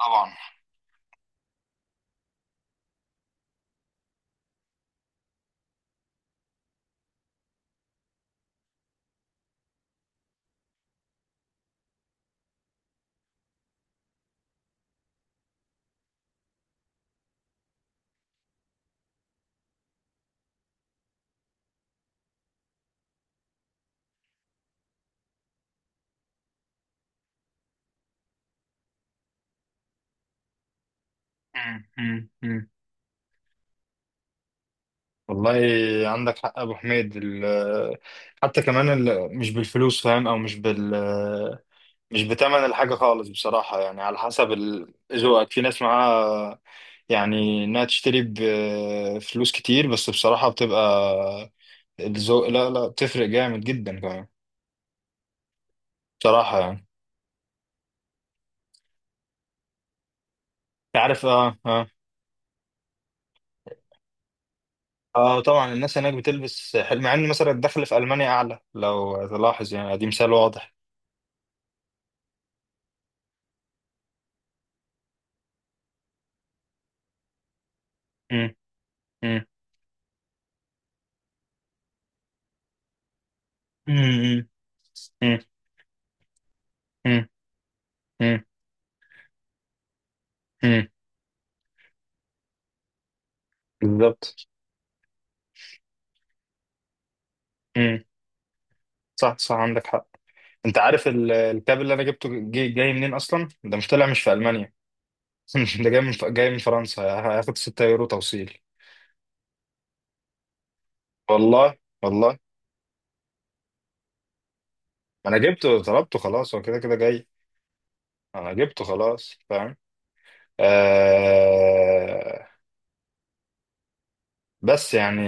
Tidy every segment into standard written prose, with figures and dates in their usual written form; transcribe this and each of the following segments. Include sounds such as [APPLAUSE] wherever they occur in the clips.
طبعا. مم. مم. مم. والله عندك حق يا ابو حميد حتى كمان مش بالفلوس، فاهم، او مش مش بتمن الحاجه خالص بصراحه. يعني على حسب ذوقك، في ناس معاها يعني انها تشتري بفلوس كتير، بس بصراحه بتبقى الذوق. لا، لا، بتفرق جامد جدا كمان. بصراحه يعني أنت عارف. اه، اه. اه، طبعا الناس هناك بتلبس حلو، مع ان مثلا الدخل في المانيا اعلى لو تلاحظ. يعني دي مثال واضح. مم. مم. مم. مم. مم. مم. بالظبط. مم. صح، صح، عندك حق. انت عارف الكاب اللي انا جبته، جاي منين اصلا؟ ده مش طالع، مش في المانيا. [LAUGHS] ده جاي من فرنسا. هياخد 6 يورو توصيل. والله، والله. ما انا جبته، طلبته خلاص. هو كده كده جاي. انا جبته خلاص، فاهم؟ آه. بس يعني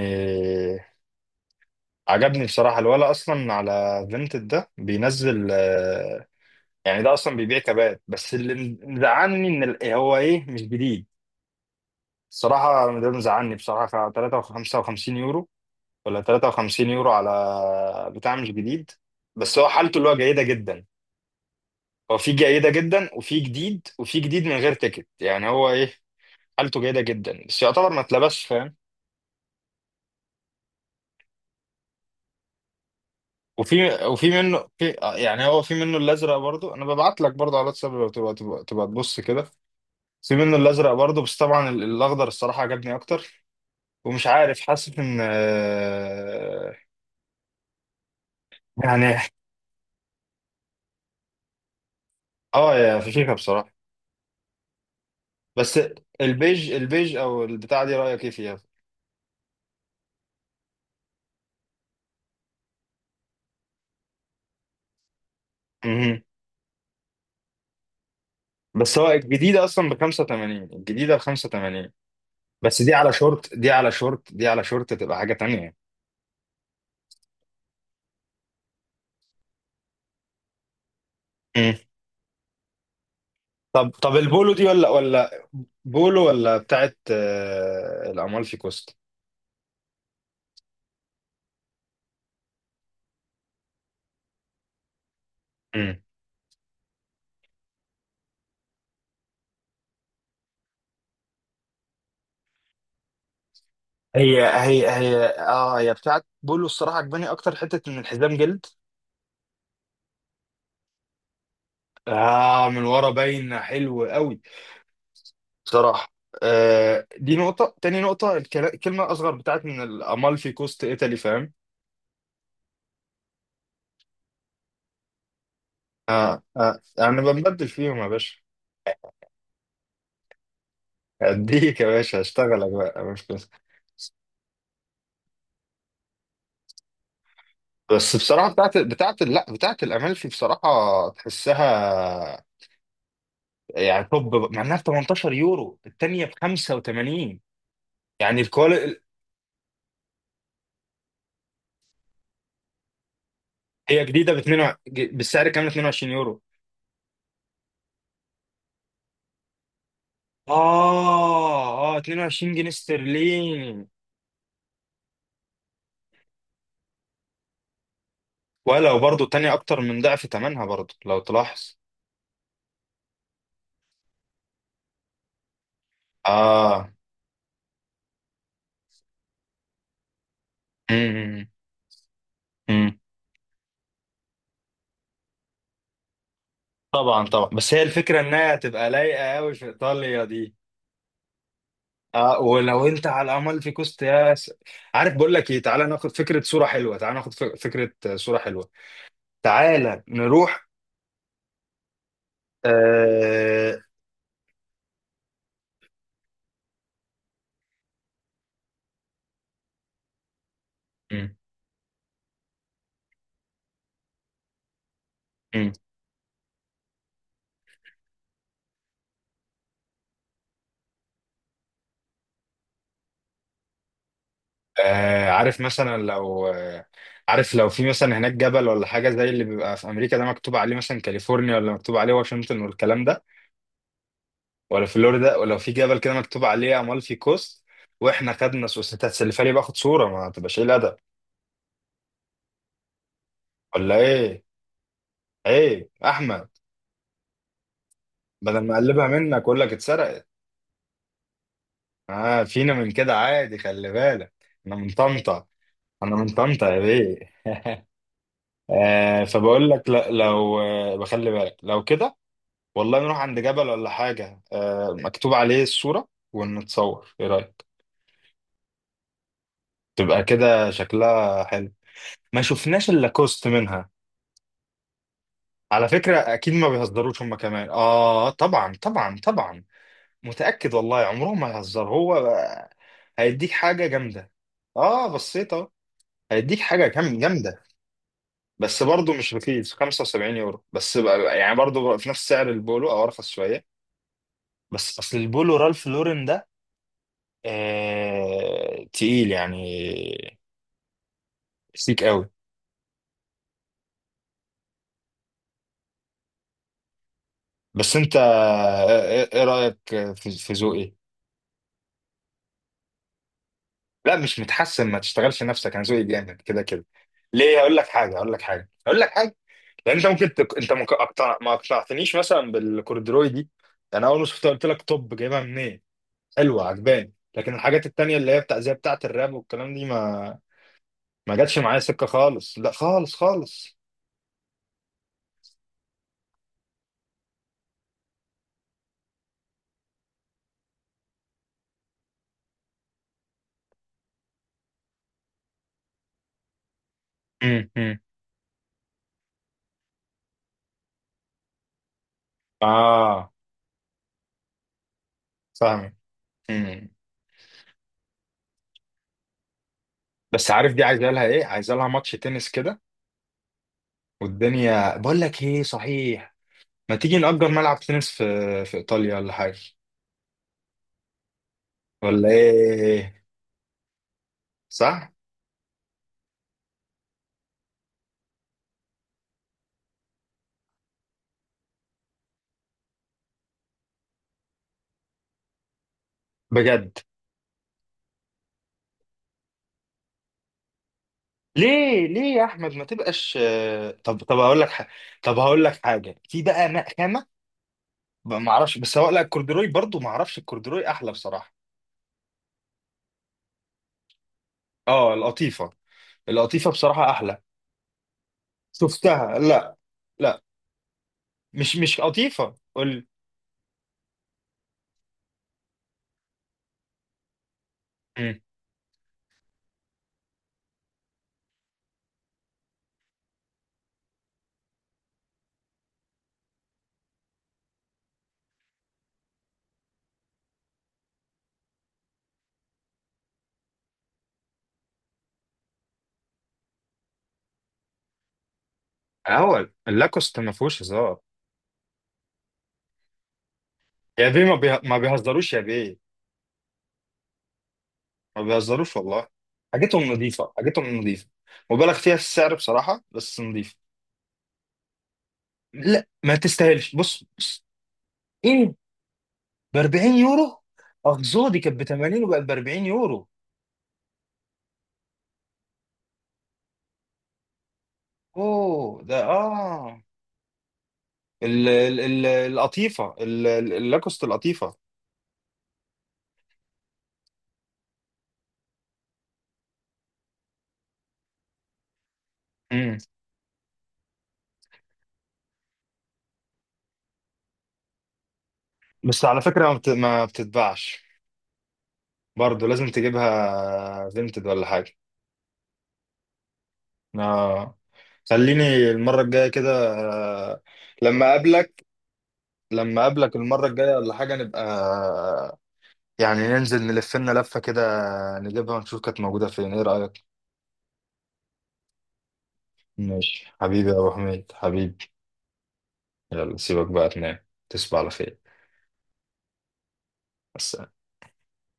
عجبني بصراحة الولا. أصلا على فينتد ده بينزل، يعني ده أصلا بيبيع كبات. بس اللي مزعلني إن هو إيه؟ مش جديد. الصراحة ده مزعلني بصراحة. 53 يورو؟ ولا 53 يورو على بتاع مش جديد؟ بس هو حالته اللي هو جيدة جدا. هو في جيدة جدا، وفي جديد، وفي جديد من غير تيكت. يعني هو ايه؟ حالته جيدة جدا بس يعتبر ما اتلبسش، فاهم؟ وفي منه، في يعني هو في منه الازرق برضو. انا ببعت لك برضو على الواتساب، لو تبقى تبص كده. في منه الازرق برضو، بس طبعا الاخضر الصراحة عجبني اكتر. ومش عارف، حاسس ان يعني. اه، يا فشيخة بصراحة. بس البيج، البيج او البتاعه دي، رايك ايه فيها؟ مهم. بس هو الجديده اصلا ب 85، الجديده ب 85. بس دي على شورت، دي على شورت، دي على شورت، تبقى حاجه تانية. مم. طب، طب البولو دي ولا ولا، بولو ولا بتاعت الامالفي كوست؟ مم. هي اه، هي بتاعت بولو. الصراحه عجباني اكتر، حته ان الحزام جلد. اه، من ورا باين حلو قوي بصراحة. آه، دي نقطة تاني. نقطة الكلمة أصغر بتاعت من الأمالفي كوست إيطالي، فاهم؟ آه، آه، أنا بنبدل فيهم يا باشا. أديك يا باشا، أشتغلك بقى مش بس. بس بصراحة بتاعت، بتاعت، لا، بتاعت الأمالفي بصراحة تحسها. يعني طب مع إنها ب 18 يورو، التانية ب 85. يعني الكوالي هي جديدة ب 2، بالسعر كامل 22 يورو. آه، آه، 22 جنيه استرليني. ولو برضو تاني اكتر من ضعف تمنها برضو لو تلاحظ. اه. امم. امم. طبعا، طبعا، بس هي الفكره انها هتبقى لايقه قوي في ايطاليا دي. اه، ولو انت على امال في كوست يا عارف، بقول لك ايه، تعالى ناخد فكره صوره حلوه. تعالى ناخد فكره صوره حلوه. تعالى نروح. آه. مم. مم. آه، عارف مثلا لو عارف لو في مثلا هناك جبل ولا حاجه، زي اللي بيبقى في امريكا، ده مكتوب عليه مثلا كاليفورنيا، ولا مكتوب عليه واشنطن والكلام ده، ولا فلوريدا. ولو في جبل كده مكتوب عليه امالفي كوست، واحنا خدنا سوس، انت هتسلفها لي باخد صوره. ما تبقاش ايه الادب، ولا ايه؟ ايه احمد، بدل ما اقلبها منك اقول لك اتسرقت. اه، فينا من كده عادي، خلي بالك. انا من طنطا. انا من طنطا يا بيه. [LAUGHS] آه، فبقول لك لا، لو بخلي بالك لو كده. والله، نروح عند جبل ولا حاجه مكتوب عليه، الصوره ونتصور، ايه رايك؟ تبقى كده شكلها حلو. ما شفناش الا كوست منها. على فكرة أكيد ما بيهزروش هما كمان. طبعا، طبعا، طبعا. متأكد والله عمرهم ما يهزر هو. هيديك حاجة جامدة. آه، بصيت أهو. هيديك حاجة جامدة. بس برضه مش رخيص. 75 يورو بس بقى، يعني برضه في نفس سعر البولو أو أرخص شوية. بس أصل البولو رالف لورين ده، آه، تقيل يعني. سيك قوي. بس أنت إيه رأيك في ذوقي؟ لا مش متحسن، ما تشتغلش نفسك، انا ذوقي جامد كده كده. ليه؟ هقول لك حاجه، هقول لك حاجه، هقول لك حاجه. لان انت ممكن انت ما اقتنعتنيش مثلا بالكوردروي دي. يعني انا اول ما شفتها قلت لك، طب جايبها منين؟ حلوه عجباني، لكن الحاجات التانيه اللي هي بتاع زي بتاعه الراب والكلام دي، ما، ما جاتش معايا سكه خالص. لا، خالص خالص. امم. أمم. اه، فاهمك. امم. بس عارف دي عايزه لها ايه؟ عايزه لها ماتش تنس كده. والدنيا، بقول لك ايه صحيح، ما تيجي نأجر ملعب تنس في ايطاليا ولا حاجه، ولا ايه؟ صح. بجد. ليه، ليه يا احمد، ما تبقاش طب، طب هقول لك طب هقول لك حاجه. في بقى خامه بقى ما اعرفش. بس هو لا، الكوردروي برضو ما اعرفش، الكوردروي احلى بصراحه. اه، القطيفه. القطيفه بصراحه احلى. شفتها؟ لا. لا، مش قطيفه قول لي. مم. اهو اللاكوست ما فيهوش هزار. يا بيه ما بيهزروش يا بيه. ما بيهزروش والله. حاجتهم نظيفه، حاجتهم نظيفه، مبالغ فيها في السعر بصراحه، بس نظيفه. لا، ما تستاهلش. بص، بص. ايه؟ ب 40 يورو. اه، دي كانت ب 80 وبقت ب 40 يورو. اوه، ده اه. ال القطيفه، اللاكوست القطيفه. امم. بس على فكره ما بتتباعش. برضه لازم تجيبها فينتد ولا حاجه. اه، خليني المره الجايه كده آه، لما اقابلك. لما اقابلك المره الجايه ولا حاجه نبقى، يعني ننزل نلف لنا لفه كده، نجيبها ونشوف كانت موجوده فين. ايه رايك؟ ماشي حبيبي يا أبو حميد، حبيبي. يلا سيبك بقى تنام، تصبح على خير. بس.